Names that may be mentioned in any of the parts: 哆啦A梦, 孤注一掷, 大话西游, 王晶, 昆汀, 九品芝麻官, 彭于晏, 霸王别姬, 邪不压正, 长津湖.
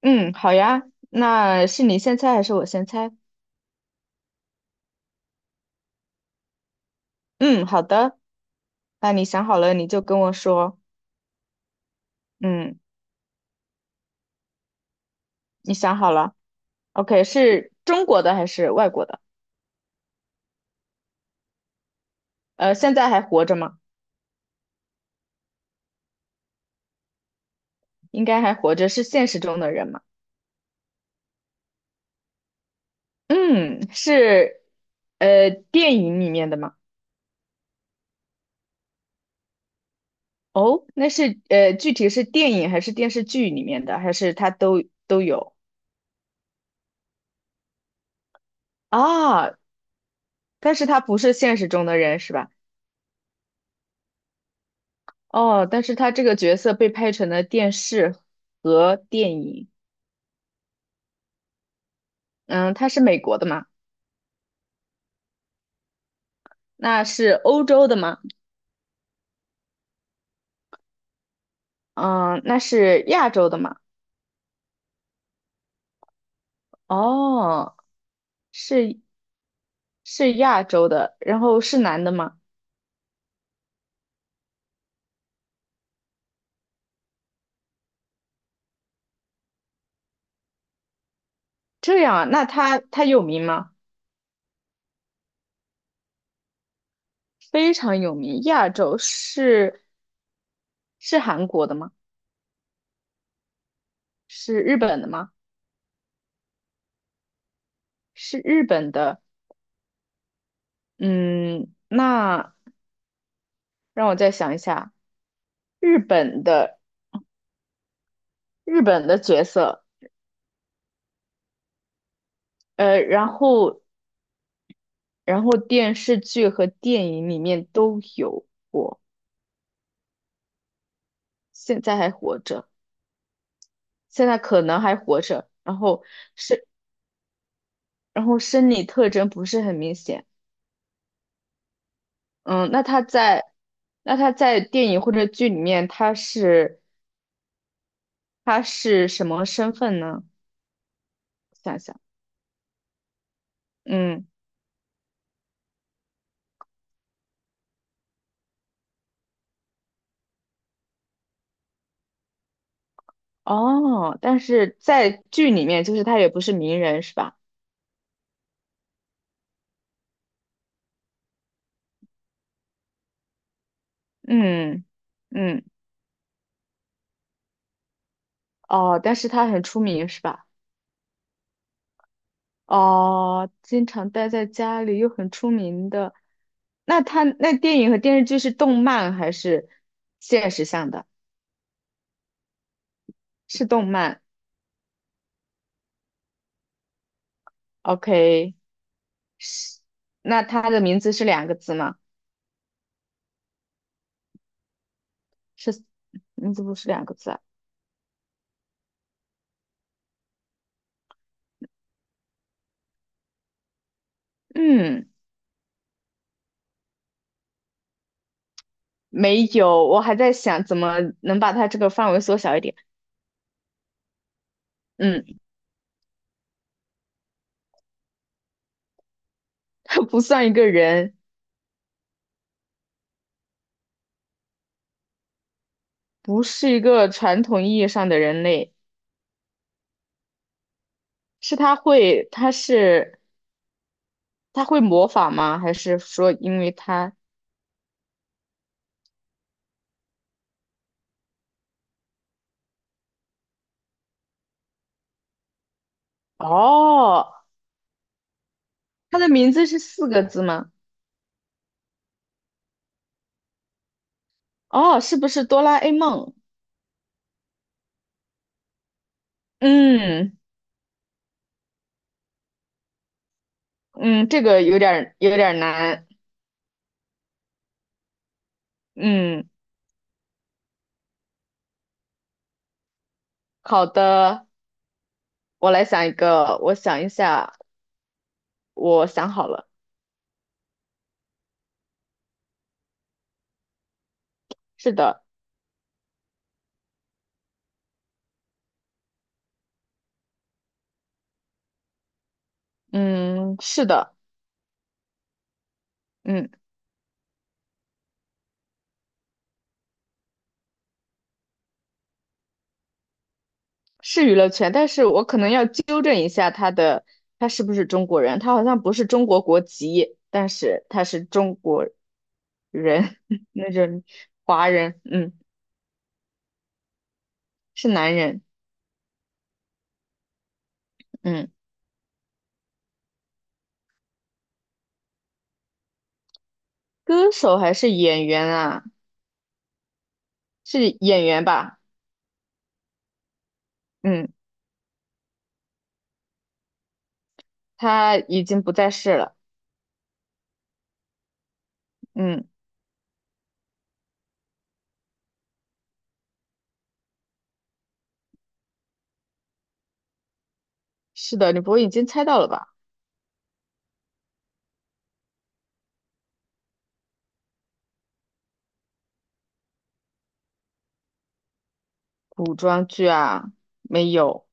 嗯，好呀，那是你先猜还是我先猜？嗯，好的，那你想好了你就跟我说。嗯，你想好了？OK，是中国的还是外国的？现在还活着吗？应该还活着，是现实中的人吗？嗯，是，电影里面的吗？哦，那是具体是电影还是电视剧里面的，还是他都有啊？但是他不是现实中的人是吧？哦，但是他这个角色被拍成了电视和电影。嗯，他是美国的吗？那是欧洲的吗？嗯，那是亚洲的吗？哦，是是亚洲的，然后是男的吗？这样啊，那他有名吗？非常有名，亚洲是韩国的吗？是日本的吗？是日本的。嗯，那让我再想一下，日本的日本的角色。呃，然后然后电视剧和电影里面都有过，现在还活着，现在可能还活着，然后是，然后生理特征不是很明显。嗯，那他在，那他在电影或者剧里面，他是什么身份呢？想想，嗯，哦，但是在剧里面，就是他也不是名人，是吧？嗯嗯，哦，但是他很出名，是吧？哦，经常待在家里又很出名的，那他那电影和电视剧是动漫还是现实向的？是动漫，OK，是，那他的名字是两个字吗？是，名字不是两个字啊。嗯，没有，我还在想怎么能把他这个范围缩小一点。嗯，他不算一个人，不是一个传统意义上的人类。是他会，他是他会模仿吗？还是说因为他？哦，他的名字是四个字吗？哦，是不是哆啦 A 梦？嗯嗯，这个有点儿难。嗯，好的，我来想一个，我想一下，我想好了。是的，嗯，是的，嗯，是娱乐圈，但是我可能要纠正一下他的，他是不是中国人？他好像不是中国国籍，但是他是中国人，那就是华人，嗯，是男人，嗯。歌手还是演员啊？是演员吧？嗯，他已经不在世了。嗯，是的，你不会已经猜到了吧？古装剧啊，没有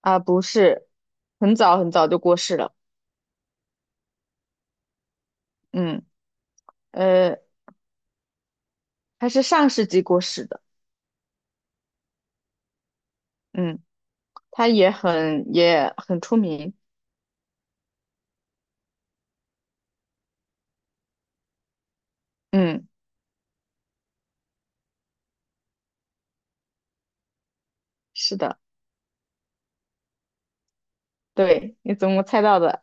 啊，不是，很早很早就过世了。嗯，呃，他是上世纪过世的。嗯，他也很出名。嗯，是的，对，你怎么猜到的？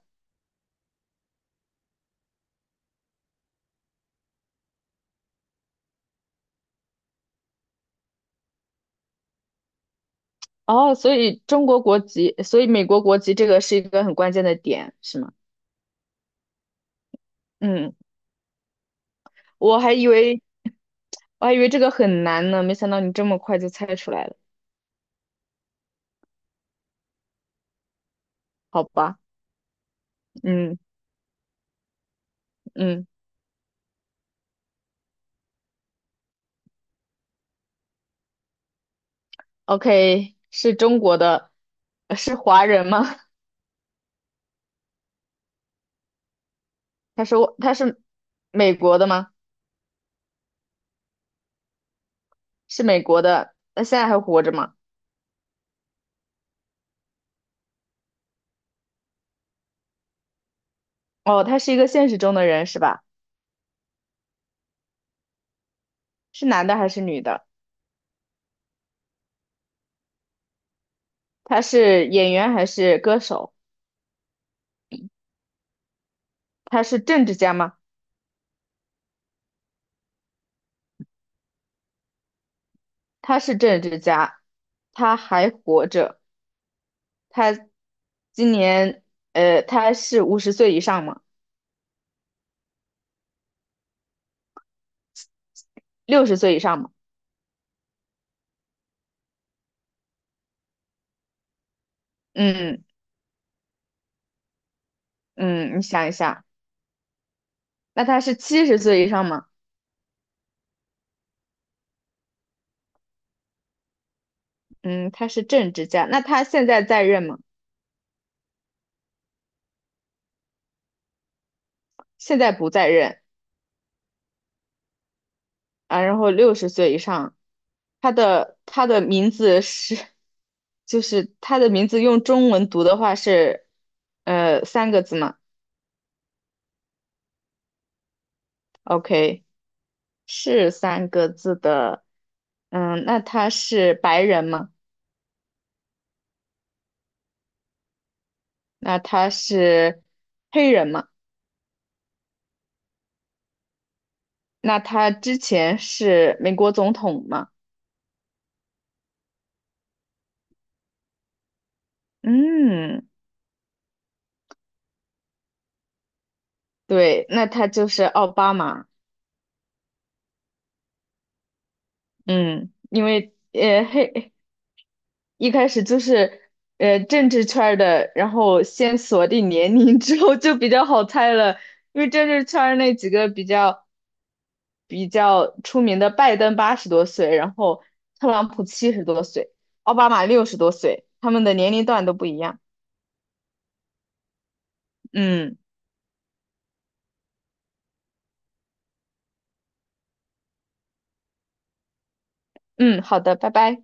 哦，所以中国国籍，所以美国国籍这个是一个很关键的点，是吗？嗯，我还以为。我还以为这个很难呢，没想到你这么快就猜出来了。好吧，嗯嗯，OK，是中国的，是华人吗？他说他是美国的吗？是美国的，那现在还活着吗？哦，他是一个现实中的人是吧？是男的还是女的？他是演员还是歌手？他是政治家吗？他是政治家，他还活着。他今年他是50岁以上吗？六十岁以上吗？嗯。嗯，你想一下，那他是70岁以上吗？嗯，他是政治家，那他现在在任吗？现在不在任啊。然后六十岁以上，他的名字是，就是他的名字用中文读的话是，三个字吗？OK，是三个字的。嗯，那他是白人吗？那他是黑人吗？那他之前是美国总统吗？嗯。对，那他就是奥巴马，嗯，因为黑 一开始就是政治圈儿的，然后先锁定年龄之后就比较好猜了，因为政治圈儿那几个比较出名的，拜登80多岁，然后特朗普70多岁，奥巴马60多岁，他们的年龄段都不一样。嗯嗯，好的，拜拜。